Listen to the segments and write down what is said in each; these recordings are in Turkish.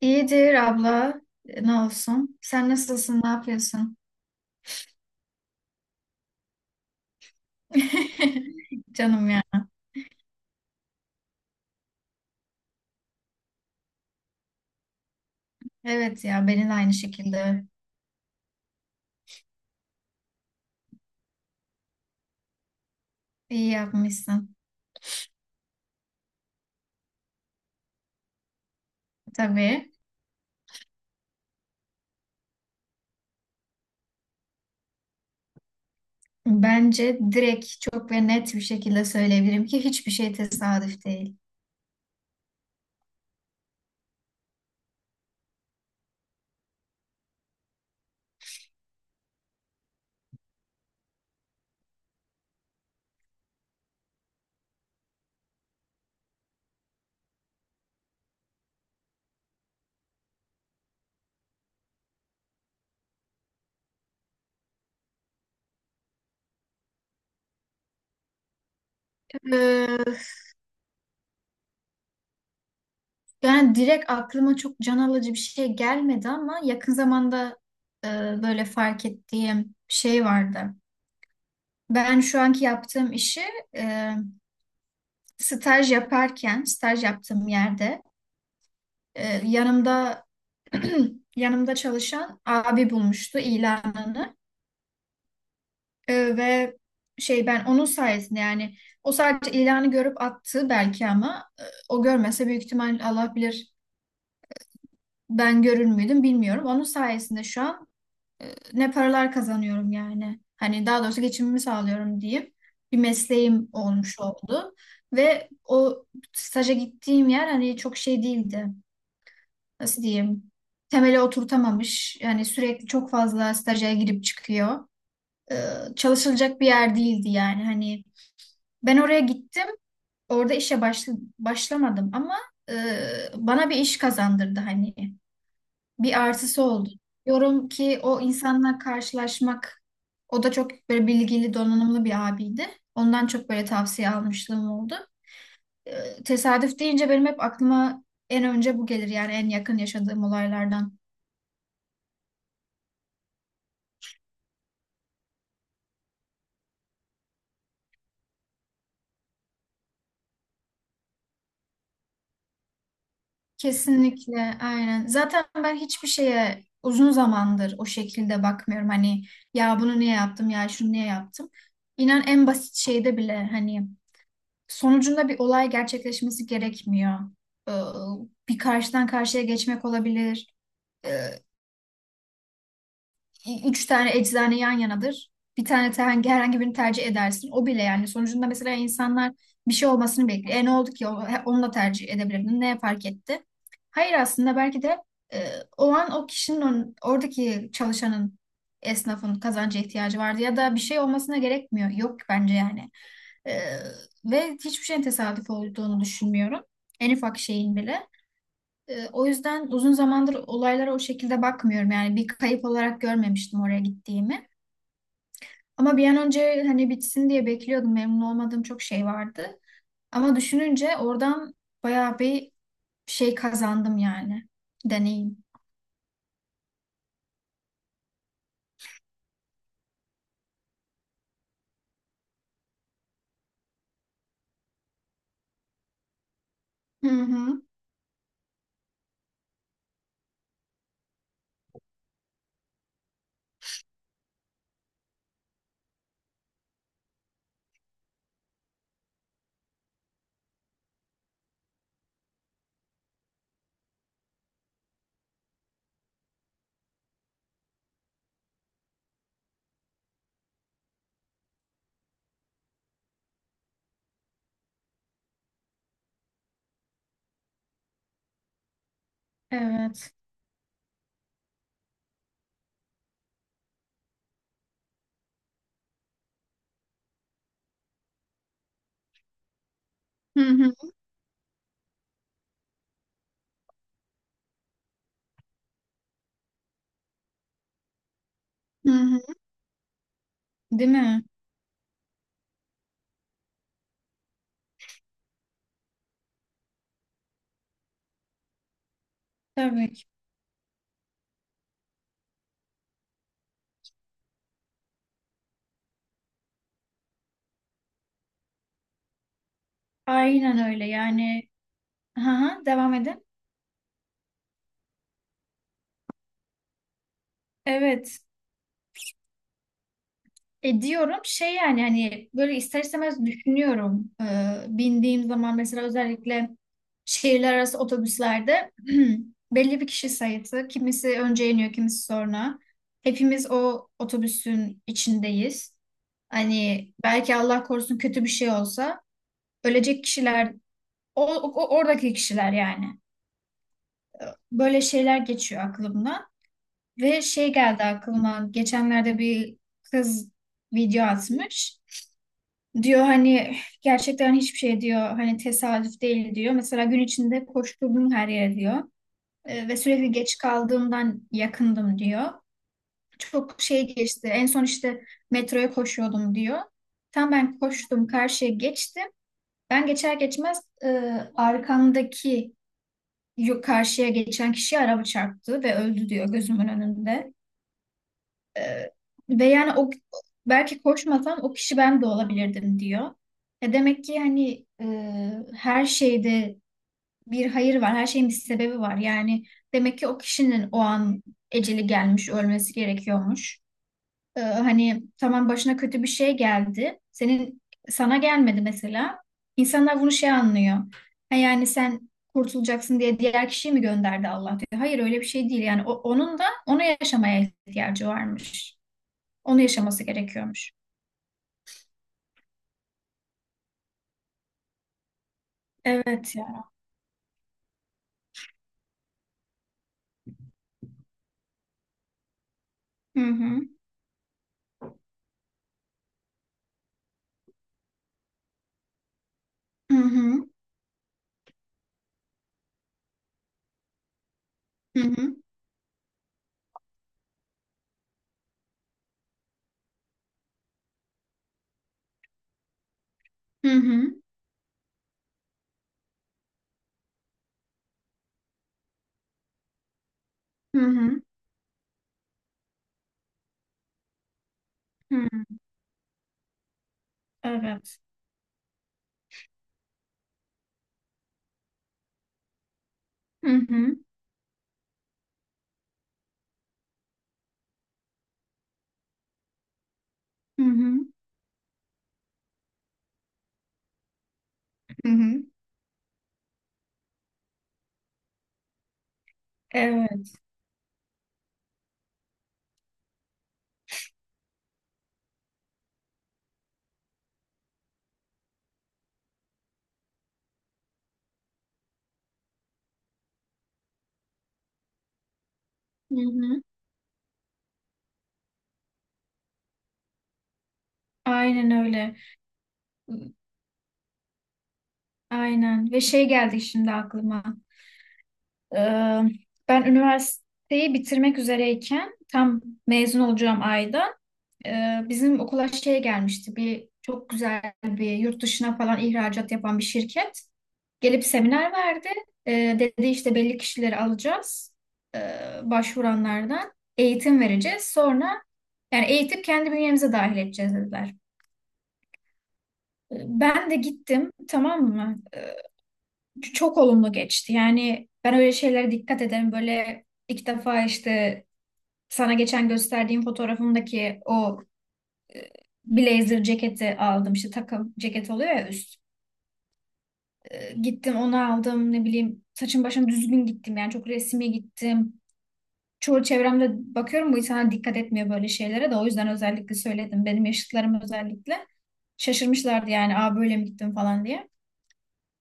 İyidir abla. Ne olsun? Sen nasılsın? Ne yapıyorsun? Canım ya. Evet ya, benim de aynı şekilde. İyi yapmışsın. Tabii. Bence direkt çok ve net bir şekilde söyleyebilirim ki hiçbir şey tesadüf değil. Ee, yani direkt aklıma çok can alıcı bir şey gelmedi, ama yakın zamanda e, böyle fark ettiğim bir şey vardı. Ben şu anki yaptığım işi e, staj yaparken, staj yaptığım yerde yanımda yanımda çalışan abi bulmuştu ilanını. Ve şey, ben onun sayesinde yani, o sadece ilanı görüp attı belki, ama o görmese büyük ihtimal Allah bilir ben görür müydüm bilmiyorum. Onun sayesinde şu an e, ne paralar kazanıyorum yani. Hani daha doğrusu geçimimi sağlıyorum diyeyim. Bir mesleğim olmuş oldu ve o staja gittiğim yer hani çok şey değildi. Nasıl diyeyim, temeli oturtamamış. Yani sürekli çok fazla staja girip çıkıyor. Ee, çalışılacak bir yer değildi yani. Hani ben oraya gittim. Orada işe başla- başlamadım, ama e, bana bir iş kazandırdı hani. Bir artısı oldu. Diyorum ki o insanla karşılaşmak, o da çok böyle bilgili, donanımlı bir abiydi. Ondan çok böyle tavsiye almışlığım oldu. Tesadüf deyince benim hep aklıma en önce bu gelir yani, en yakın yaşadığım olaylardan. Kesinlikle, aynen. Zaten ben hiçbir şeye uzun zamandır o şekilde bakmıyorum. Hani, ya bunu niye yaptım, ya şunu niye yaptım. İnan en basit şeyde bile hani sonucunda bir olay gerçekleşmesi gerekmiyor. Ee, Bir karşıdan karşıya geçmek olabilir, üç tane eczane yan yanadır. Bir tane te- hangi- herhangi birini tercih edersin. O bile yani, sonucunda mesela insanlar bir şey olmasını bekliyor. E ne oldu ki? Onu da tercih edebilirdin. Ne fark etti? Hayır, aslında belki de e, o an o kişinin oradaki çalışanın, esnafın kazanca ihtiyacı vardı, ya da bir şey olmasına gerekmiyor. Yok bence yani. E, ve hiçbir şeyin tesadüf olduğunu düşünmüyorum. En ufak şeyin bile. O yüzden uzun zamandır olaylara o şekilde bakmıyorum. Yani bir kayıp olarak görmemiştim oraya gittiğimi. Ama bir an önce hani bitsin diye bekliyordum. Memnun olmadığım çok şey vardı. Ama düşününce oradan bayağı bir şey kazandım yani. Deneyim. Hı hı. Evet. Hı hı. Hı hı. Değil mi? Tabii ki. Aynen öyle. Yani, hı hı, devam edin. Evet. E diyorum şey yani hani böyle ister istemez düşünüyorum. Bindiğim zaman mesela özellikle şehirler arası otobüslerde belli bir kişi sayısı. Kimisi önce iniyor, kimisi sonra. Hepimiz o otobüsün içindeyiz. Hani belki Allah korusun kötü bir şey olsa, ölecek kişiler oradaki kişiler yani. Böyle şeyler geçiyor aklımdan ve şey geldi aklıma, geçenlerde bir kız video atmış. Diyor hani gerçekten hiçbir şey diyor hani tesadüf değil diyor. Mesela gün içinde koşturdum her yere diyor. Ve sürekli geç kaldığımdan yakındım diyor. Çok şey geçti. En son işte metroya koşuyordum diyor. Tam ben koştum karşıya geçtim. Ben geçer geçmez arkamdaki karşıya geçen kişiye araba çarptı ve öldü diyor, gözümün önünde. Ee, ve yani o, belki koşmasam o kişi ben de olabilirdim diyor. E demek ki hani, her şeyde bir hayır var, her şeyin bir sebebi var. Yani demek ki o kişinin o an eceli gelmiş, ölmesi gerekiyormuş. Hani tamam, başına kötü bir şey geldi, sana gelmedi mesela. İnsanlar bunu şey anlıyor. Ha, yani sen kurtulacaksın diye diğer kişiyi mi gönderdi Allah diyor. Hayır, öyle bir şey değil. Yani onun da ona yaşamaya ihtiyacı varmış. Onu yaşaması gerekiyormuş. Evet ya. Hı hı. Hı hı. Hı hı. Hı hı. Hı hı. Hı. Evet. Hı hı. Hı hı. Hı hı. Evet. Hı hı. Aynen öyle. Aynen. Ve şey geldi şimdi aklıma. Ee, ben üniversiteyi bitirmek üzereyken tam mezun olacağım ayda bizim okula şey gelmişti. Bir çok güzel bir yurt dışına falan ihracat yapan bir şirket. Gelip seminer verdi. Dedi işte belli kişileri alacağız, ee, başvuranlardan. Eğitim vereceğiz. Sonra yani eğitip kendi bünyemize dahil edeceğiz dediler. Ben de gittim, tamam mı? Çok olumlu geçti. Yani ben öyle şeylere dikkat ederim. Böyle ilk defa işte sana geçen gösterdiğim fotoğrafımdaki o blazer ceketi aldım. İşte takım ceket oluyor ya, üst. Gittim onu aldım, ne bileyim saçım başım düzgün gittim yani, çok resmi gittim. Çoğu çevremde bakıyorum bu insanlar dikkat etmiyor böyle şeylere, de o yüzden özellikle söyledim. Benim yaşıtlarım özellikle şaşırmışlardı yani, aa böyle mi gittim falan diye.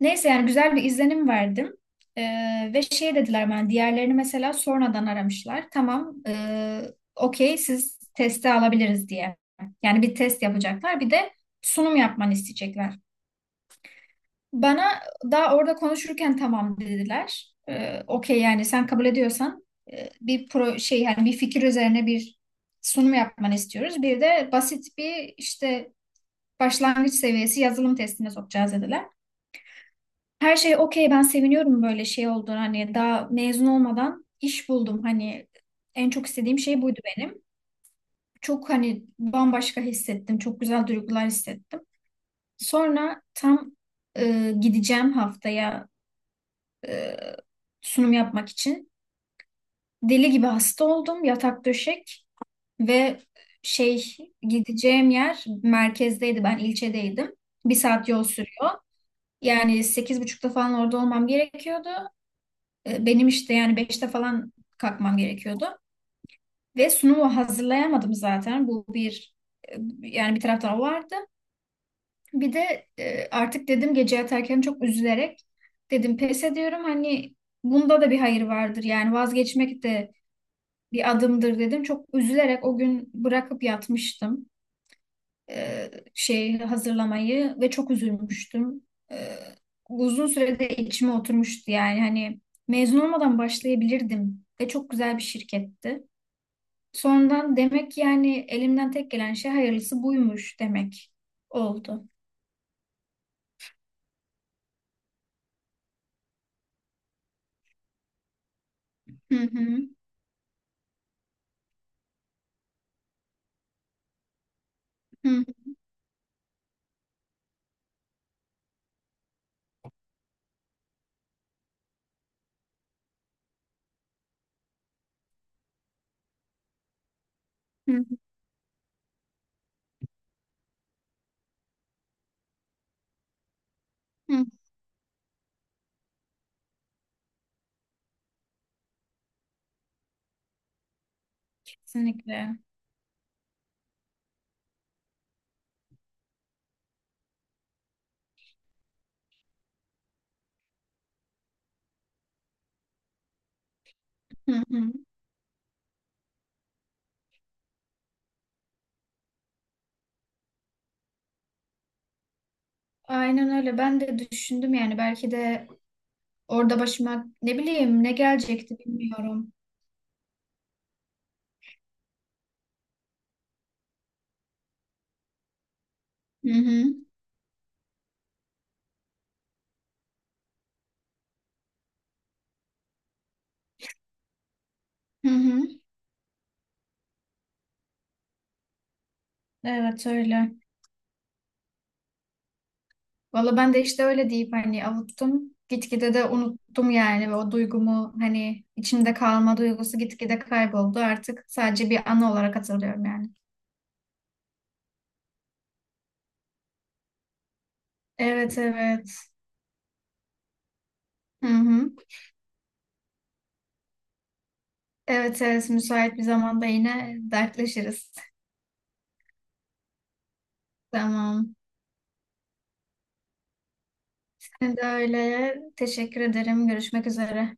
Neyse yani güzel bir izlenim verdim. Ve şey dediler, ben diğerlerini mesela sonradan aramışlar. Tamam, okey, siz testi alabiliriz diye. Yani bir test yapacaklar, bir de sunum yapmanı isteyecekler. Bana daha orada konuşurken tamam dediler. Okey yani sen kabul ediyorsan, e, bir pro şey yani bir fikir üzerine bir sunum yapmanı istiyoruz. Bir de basit bir işte başlangıç seviyesi yazılım testine sokacağız dediler. Her şey okey, ben seviniyorum böyle şey olduğunu, hani daha mezun olmadan iş buldum, hani en çok istediğim şey buydu benim. Çok hani bambaşka hissettim. Çok güzel duygular hissettim. Sonra tam gideceğim haftaya e, sunum yapmak için, deli gibi hasta oldum. Yatak döşek. Ve şey, gideceğim yer merkezdeydi. Ben ilçedeydim. Bir saat yol sürüyor. Yani sekiz buçukta falan orada olmam gerekiyordu. Benim işte yani beşte falan kalkmam gerekiyordu. Ve sunumu hazırlayamadım zaten. Bu bir e, yani bir taraftan o vardı. Bir de artık dedim gece yatarken çok üzülerek dedim, pes ediyorum. Hani bunda da bir hayır vardır. Yani vazgeçmek de bir adımdır dedim. Çok üzülerek o gün bırakıp yatmıştım şey hazırlamayı, ve çok üzülmüştüm. E, uzun sürede içime oturmuştu yani, hani mezun olmadan başlayabilirdim ve çok güzel bir şirketti. Sonradan demek ki yani elimden tek gelen şey hayırlısı buymuş demek oldu. Hı hı, hı hı, hı. Kesinlikle. Hı hı. Aynen öyle. Ben de düşündüm yani, belki de orada başıma ne bileyim ne gelecekti, bilmiyorum. Hı hı. Hı hı. Evet öyle. Valla ben de işte öyle deyip hani avuttum. Gitgide de unuttum yani, ve o duygumu hani içimde kalma duygusu gitgide kayboldu. Artık sadece bir anı olarak hatırlıyorum yani. Evet, evet. Hı hı. Evet, evet, müsait bir zamanda yine dertleşiriz. Tamam. Ben de öyle. Teşekkür ederim. Görüşmek üzere.